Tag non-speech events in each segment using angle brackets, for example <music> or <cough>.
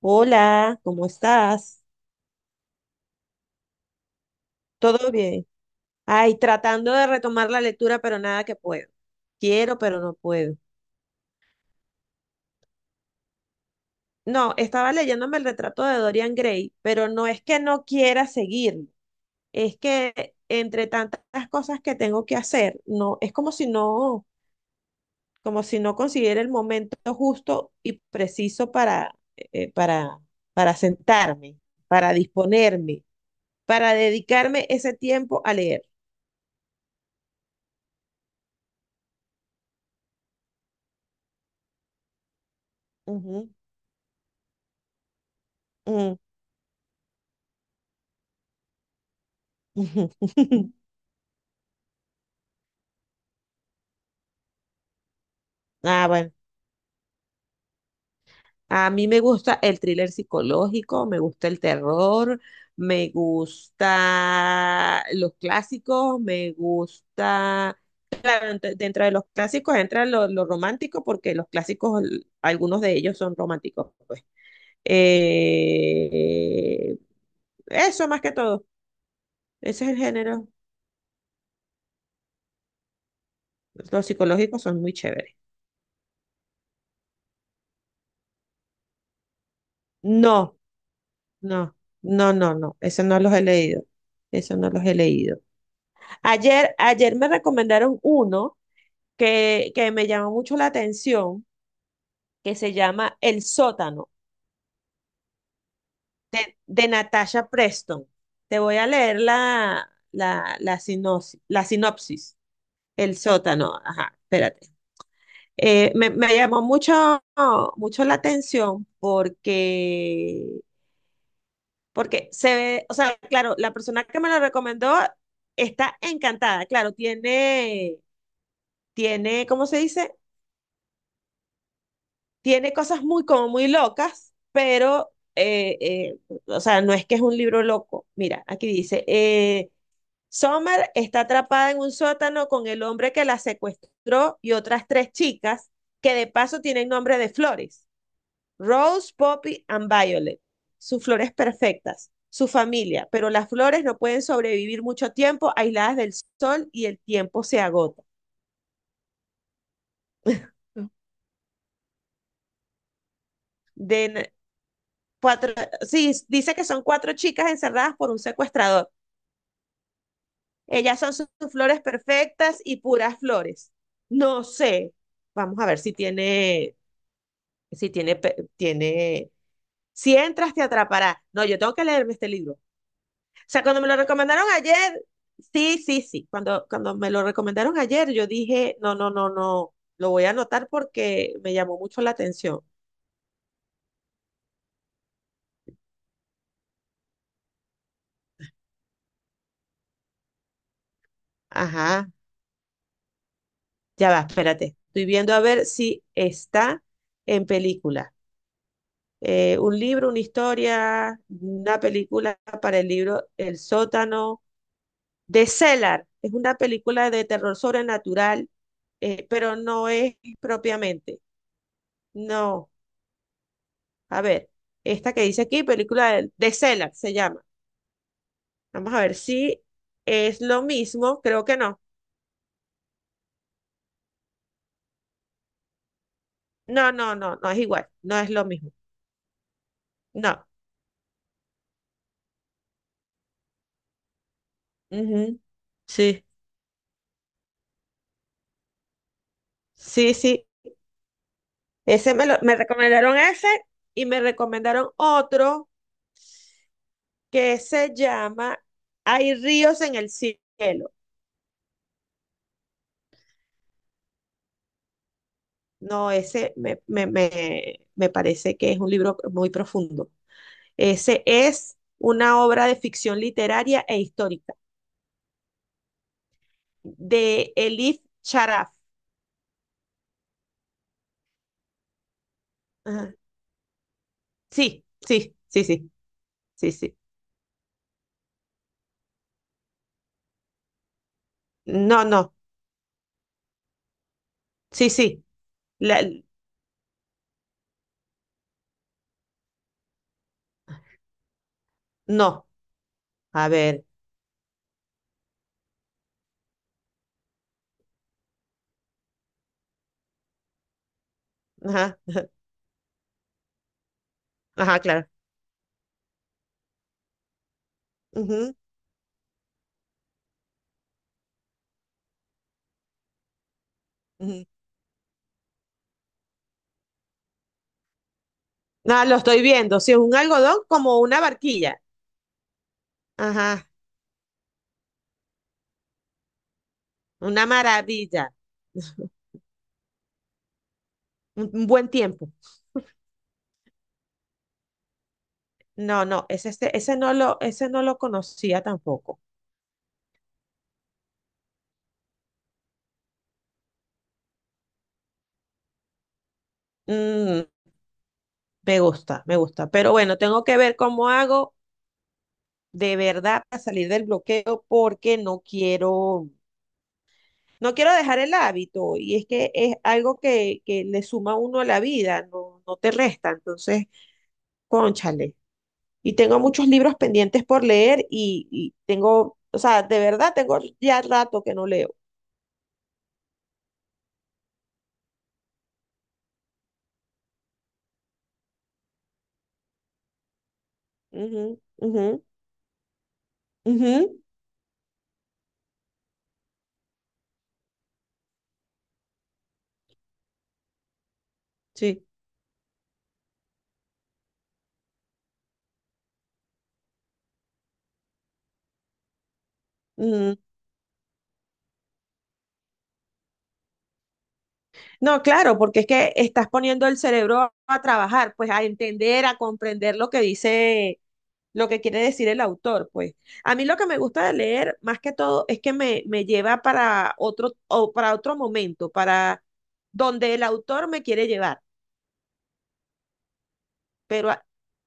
Hola, ¿cómo estás? ¿Todo bien? Ay, tratando de retomar la lectura, pero nada que puedo. Quiero, pero no puedo. No, estaba leyéndome el retrato de Dorian Gray, pero no es que no quiera seguirlo. Es que entre tantas cosas que tengo que hacer, no, es como si no consiguiera el momento justo y preciso eh, para, para sentarme, para disponerme, para dedicarme ese tiempo a leer. Ujú, <laughs> Ah, bueno. A mí me gusta el thriller psicológico, me gusta el terror, me gusta los clásicos, me gusta... Dentro de los clásicos entra lo romántico porque los clásicos, algunos de ellos son románticos, pues. Eh, eso más que todo. Ese es el género. Los psicológicos son muy chéveres. No, no, no, no, no. Esos no los he leído. Eso no los he leído. Ayer, ayer me recomendaron uno que me llamó mucho la atención, que se llama El sótano de Natasha Preston. Te voy a leer la sinopsis. El sótano, ajá, espérate. Me llamó mucho, mucho la atención porque se ve, o sea, claro, la persona que me lo recomendó está encantada, claro, tiene, tiene, ¿cómo se dice? Tiene cosas muy, como muy locas, pero, o sea, no es que es un libro loco. Mira, aquí dice, Summer está atrapada en un sótano con el hombre que la secuestró y otras tres chicas que de paso tienen nombre de flores, Rose, Poppy and Violet. Sus flores perfectas, su familia, pero las flores no pueden sobrevivir mucho tiempo aisladas del sol y el tiempo se agota. De Cuatro, sí, dice que son cuatro chicas encerradas por un secuestrador. Ellas son sus flores perfectas y puras flores. No sé. Vamos a ver si tiene, si tiene, tiene. Si entras, te atrapará. No, yo tengo que leerme este libro. O sea, cuando me lo recomendaron ayer, sí, sí, sí. Cuando me lo recomendaron ayer, yo dije, no, no, no, no. Lo voy a anotar porque me llamó mucho la atención. Ajá. Ya va, espérate. Estoy viendo a ver si está en película. Un libro, una historia, una película para el libro El sótano de Cellar. Es una película de terror sobrenatural, pero no es propiamente. No, a ver, esta que dice aquí, película de Cellar se llama. Vamos a ver si es lo mismo. Creo que no. No, no, no, no es igual. No es lo mismo. No. Ujú. Sí, sí, sí. Me recomendaron ese y me recomendaron otro que se llama Hay ríos en el cielo. No, ese me parece que es un libro muy profundo. Ese es una obra de ficción literaria e histórica de Elif Charaf. Ajá. Sí, sí, sí, sí, sí, sí. No, no, sí, sí. La- no, a ver. Ajá, ajá, claro. Ujú, ujú. Ah, lo estoy viendo. Si es un algodón como una barquilla. Ajá, una maravilla. Un buen tiempo. No, no, ese, ese no lo conocía tampoco. Mm, me gusta, me gusta. Pero bueno, tengo que ver cómo hago de verdad para salir del bloqueo porque no quiero, no quiero dejar el hábito y es que es algo que le suma a uno a la vida, no, no te resta. Entonces, cónchale. Y tengo muchos libros pendientes por leer y tengo, o sea, de verdad tengo ya rato que no leo. Ujú, ujú. Ujú, Sí. Mm, no, claro, porque es que estás poniendo el cerebro a trabajar, pues a entender, a comprender lo que dice, lo que quiere decir el autor, pues. A mí lo que me gusta de leer, más que todo, es que me lleva para otro, o para otro momento, para donde el autor me quiere llevar. Pero a-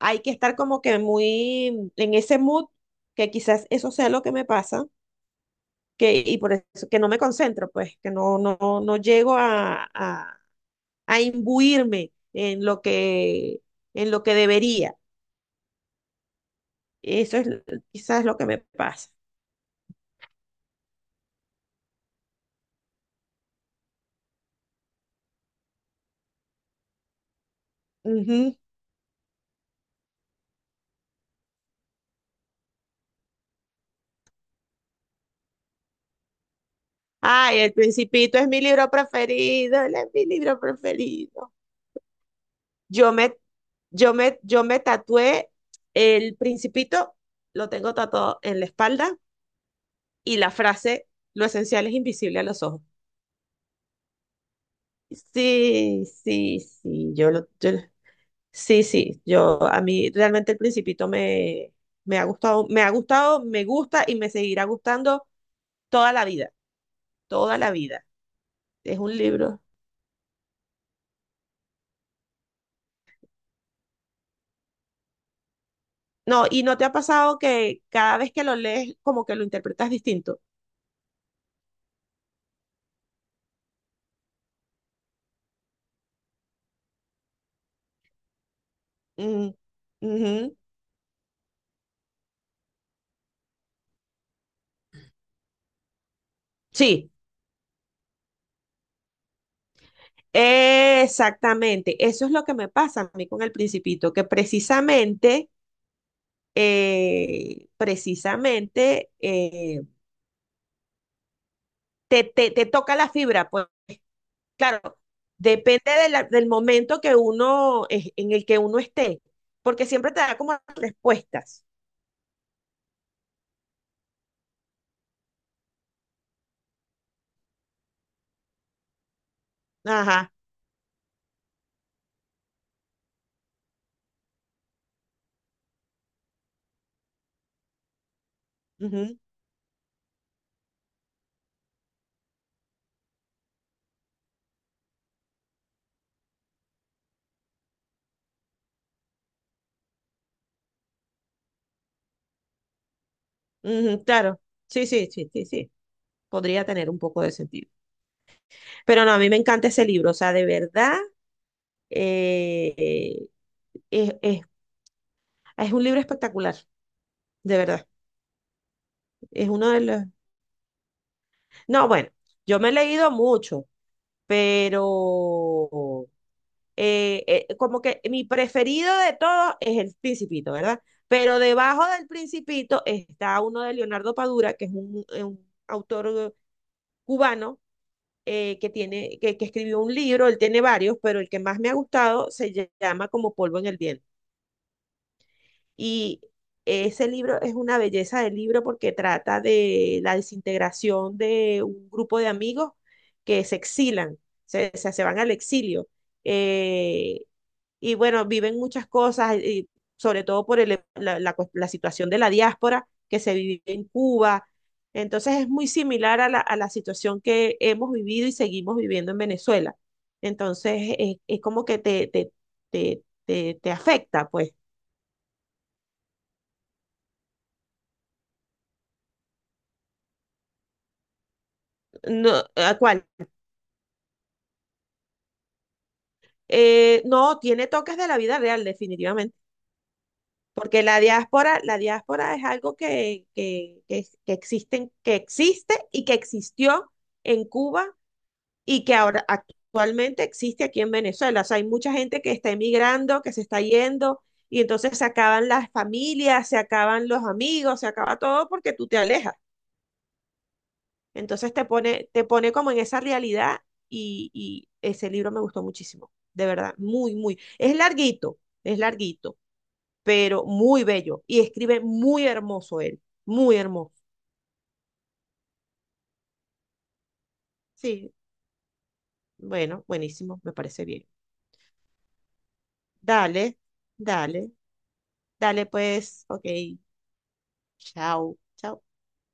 hay que estar como que muy en ese mood, que quizás eso sea lo que me pasa, y por eso que no me concentro, pues, que no, no, no llego a imbuirme en lo que debería. Eso es l- quizás lo que me pasa. Ujú. Ay, El Principito es mi libro preferido, él es mi libro preferido. Yo me, yo me tatué El Principito, lo tengo tatuado en la espalda y la frase, lo esencial es invisible a los ojos. Sí, sí, sí, sí, sí, yo a mí realmente El Principito me ha gustado, me ha gustado, me gusta y me seguirá gustando toda la vida, toda la vida. Es un libro. No, y no te ha pasado que cada vez que lo lees como que lo interpretas distinto. Mm, ujú. Sí, exactamente. Eso es lo que me pasa a mí con El Principito, que precisamente, eh, precisamente eh, te, te, te toca la fibra, pues. Claro, depende de del momento que uno, en el que uno esté, porque siempre te da como respuestas. Ajá, ujú, ujú, claro. Sí, sí, sí, sí, sí. Podría tener un poco de sentido. Pero no, a mí me encanta ese libro, o sea, de verdad, eh, es, es- es un libro espectacular, de verdad. Es uno de los... No, bueno, yo me he leído mucho, pero... eh, como que mi preferido de todos es el Principito, ¿verdad? Pero debajo del Principito está uno de Leonardo Padura, que es un autor cubano que escribió un libro, él tiene varios, pero el que más me ha gustado se llama Como polvo en el viento. Y ese libro es una belleza de libro porque trata de la desintegración de un grupo de amigos que se exilan, se van al exilio. Eh, y bueno, viven muchas cosas, y sobre todo por la la situación de la diáspora que se vive en Cuba. Entonces es muy similar a la situación que hemos vivido y seguimos viviendo en Venezuela. Entonces es como que te afecta, pues. No, ¿a cuál? No, tiene toques de la vida real, definitivamente, porque la diáspora es algo que existen, que existe y que existió en Cuba y que ahora actualmente existe aquí en Venezuela. O sea, hay mucha gente que está emigrando, que se está yendo, y entonces se acaban las familias, se acaban los amigos, se acaba todo porque tú te alejas. Entonces te pone como en esa realidad y ese libro me gustó muchísimo, de verdad, muy, muy. Es larguito, pero muy bello y escribe muy hermoso él, muy hermoso. Sí, bueno, buenísimo, me parece bien. Dale, dale, dale pues, ok, chao, chao.